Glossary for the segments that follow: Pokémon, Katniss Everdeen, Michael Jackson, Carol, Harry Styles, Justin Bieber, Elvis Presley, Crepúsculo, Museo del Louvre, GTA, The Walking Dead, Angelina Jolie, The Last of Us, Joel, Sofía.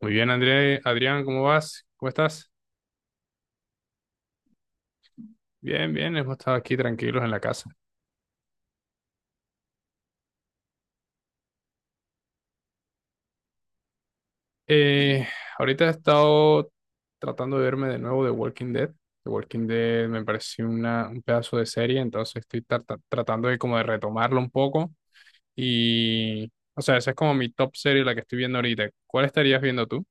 Muy bien, André, Adrián, ¿cómo vas? ¿Cómo estás? Bien, bien, hemos estado aquí tranquilos en la casa. Eh, Ahorita he estado tratando de verme de nuevo The Walking Dead. The Walking Dead me pareció un pedazo de serie, entonces estoy tratando de como de retomarlo un poco. Y, o sea, esa es como mi top serie, la que estoy viendo ahorita. ¿Cuál estarías viendo tú?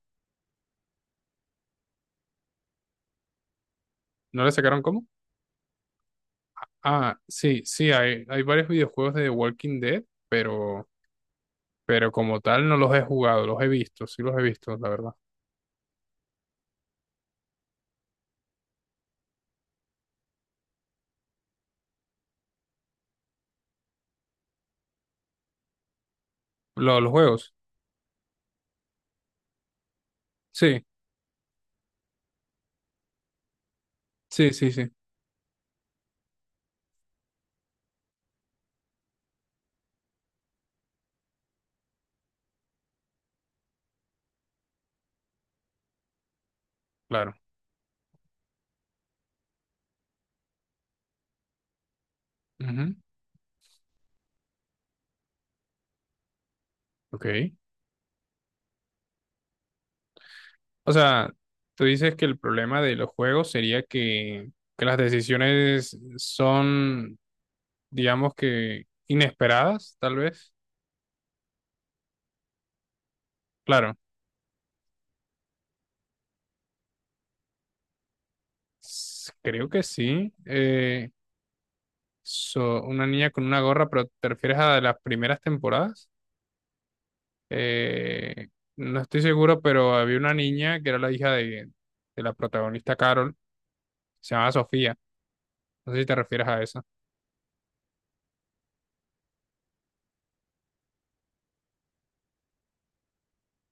¿No le sacaron cómo? Ah, sí, sí, hay varios videojuegos de The Walking Dead, pero, como tal no los he jugado, los he visto, sí los he visto, la verdad. Los juegos. Sí, sí, sí, sí, claro. Ujú. Ok. O sea, tú dices que el problema de los juegos sería que las decisiones son, digamos que, inesperadas, tal vez. Claro, creo que sí. Una niña con una gorra, pero ¿te refieres a las primeras temporadas? Eh, no estoy seguro, pero había una niña que era la hija de la protagonista Carol, se llamaba Sofía. No sé si te refieres a esa.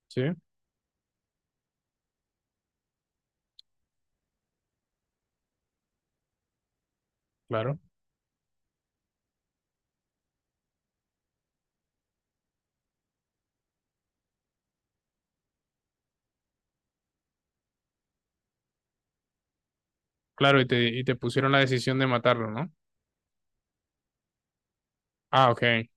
Sí. Claro, claro, y te pusieron la decisión de matarlo, ¿no? Ah, ok.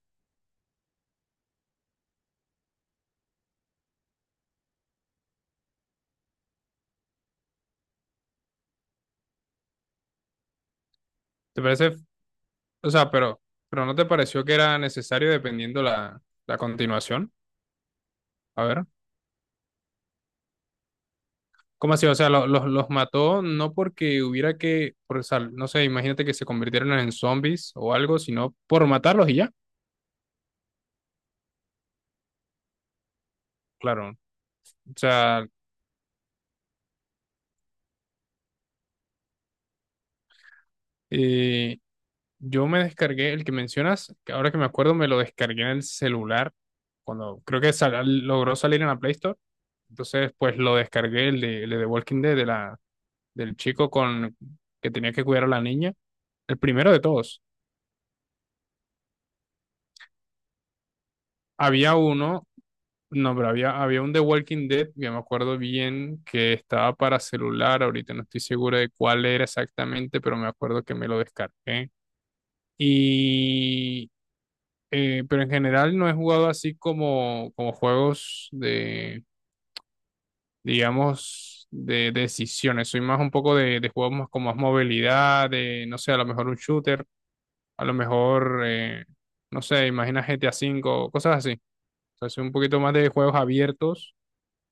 parece, o sea, pero ¿no te pareció que era necesario dependiendo la continuación? A ver, ¿cómo así? O sea, los mató no porque hubiera que, no sé, imagínate que se convirtieran en zombies o algo, sino por matarlos y ya. Claro, o sea, yo me descargué el que mencionas, que ahora que me acuerdo me lo descargué en el celular, cuando creo que logró salir en la Play Store. Entonces, pues lo descargué, el de The Walking Dead, de la, del chico con, que tenía que cuidar a la niña. El primero de todos. Había uno, no, pero había un The Walking Dead, yo me acuerdo bien, que estaba para celular, ahorita no estoy seguro de cuál era exactamente, pero me acuerdo que me lo descargué. Y, pero en general no he jugado así como juegos de, digamos, de decisiones. Soy más un poco de juegos más con más movilidad, de, no sé, a lo mejor un shooter, a lo mejor, no sé, imagina GTA 5 cosas así. O sea, soy un poquito más de juegos abiertos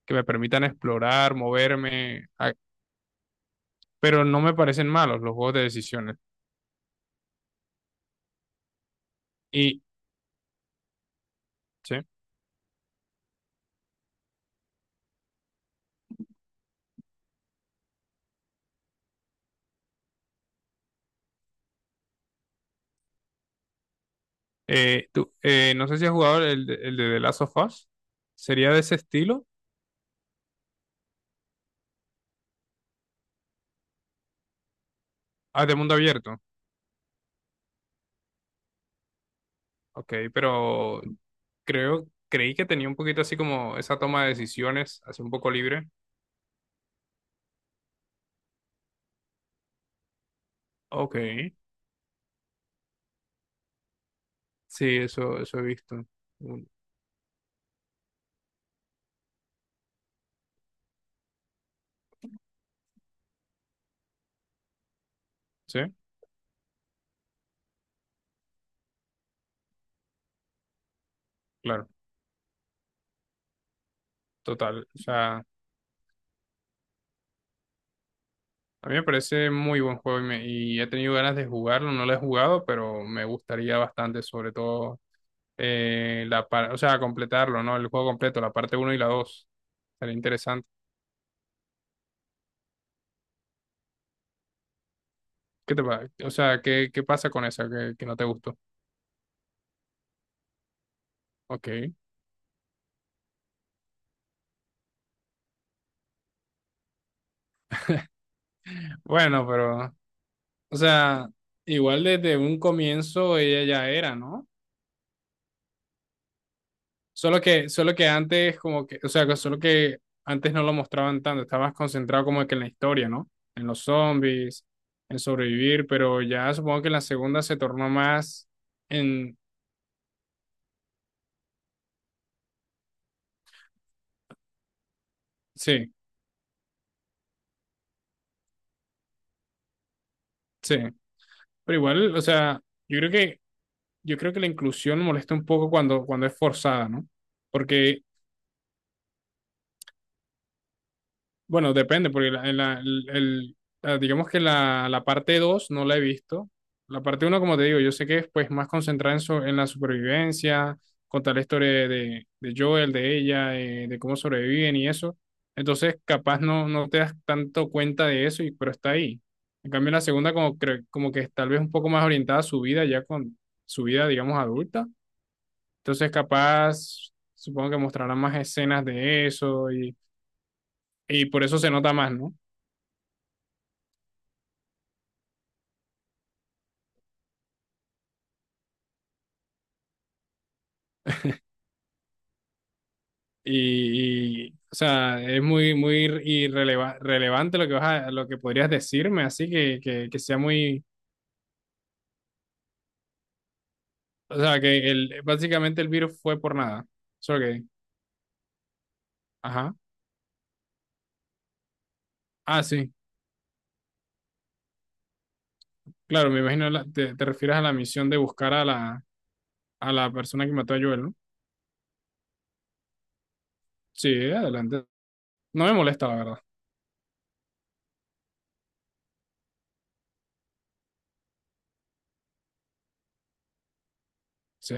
que me permitan explorar, moverme, pero no me parecen malos los juegos de decisiones. Y, sí, no sé si has jugado el de The Last of Us. ¿Sería de ese estilo? Ah, de mundo abierto. Ok, pero creí que tenía un poquito así como esa toma de decisiones, así un poco libre. Ok, sí, eso he visto. Mm, sí, claro, total. O sea, a mí me parece muy buen juego y, y he tenido ganas de jugarlo. No lo he jugado, pero me gustaría bastante, sobre todo, o sea, completarlo, ¿no? El juego completo, la parte uno y la dos. Sería interesante. ¿Qué te pasa? O sea, ¿qué pasa con esa que no te gustó? Ok. Bueno, pero o sea, igual desde un comienzo ella ya era, ¿no? Solo que antes como que, o sea, que solo que antes no lo mostraban tanto, estabas concentrado como que en la historia, ¿no? En los zombies, en sobrevivir, pero ya supongo que en la segunda se tornó más en, sí, sí, pero igual, o sea, yo creo que, yo creo que la inclusión molesta un poco cuando es forzada, ¿no? Porque bueno, depende, porque la, en la- el- la- digamos que la parte 2 no la he visto. La parte uno como te digo, yo sé que es pues más concentrada en, en la supervivencia, contar la historia de Joel, de ella, de cómo sobreviven y eso. Entonces, capaz no, no te das tanto cuenta de eso, y, pero está ahí. En cambio, la segunda como, como que es tal vez un poco más orientada a su vida, ya con su vida, digamos, adulta. Entonces, capaz, supongo que mostrarán más escenas de eso y por eso se nota más, ¿no? O sea, es muy, muy relevante lo que vas a, lo que podrías decirme, así que, que sea muy, o sea, que básicamente el virus fue por nada. Solo que, ajá. Ah, sí, claro, me imagino, te refieres a la misión de buscar a la, persona que mató a Joel, ¿no? Sí, adelante. No me molesta, la verdad, sí,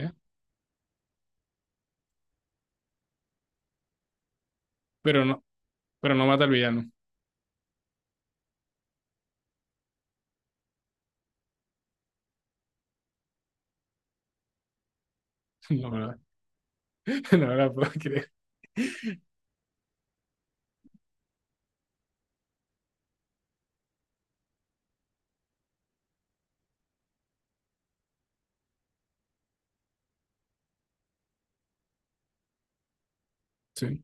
pero no, pero no mata al villano. La verdad, la verdad, puedo creer. Sí.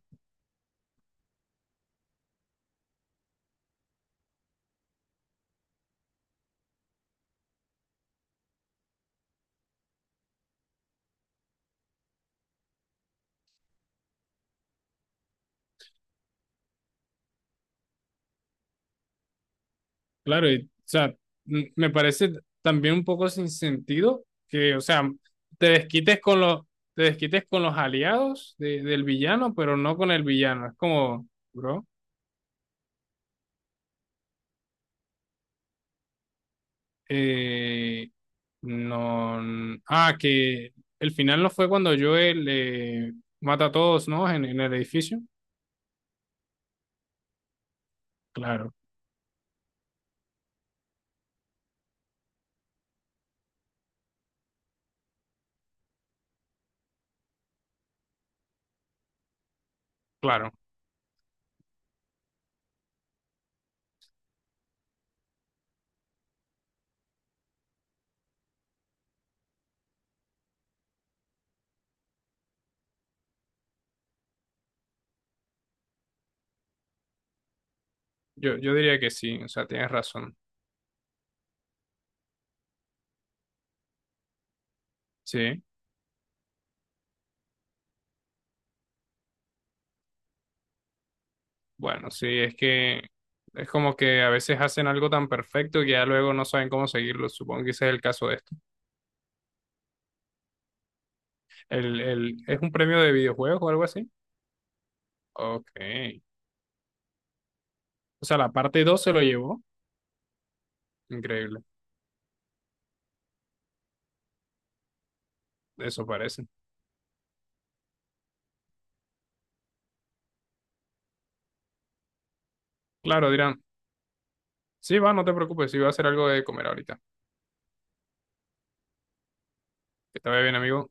Claro, y, o sea, me parece también un poco sin sentido que, o sea, te desquites con los, te desquites con los aliados del villano, pero no con el villano. Es como, bro, eh, no, que el final no fue cuando Joel mata a todos, ¿no? En el edificio. Claro, claro. Yo diría que sí, o sea, tienes razón. Sí. Bueno, sí, es que es como que a veces hacen algo tan perfecto que ya luego no saben cómo seguirlo. Supongo que ese es el caso de esto. ¿Es un premio de videojuegos o algo así? Ok. O sea, la parte 2 se lo llevó. Increíble. Eso parece. Claro, dirán. Sí, va, no te preocupes, sí, voy a hacer algo de comer ahorita. Que te vaya bien, amigo.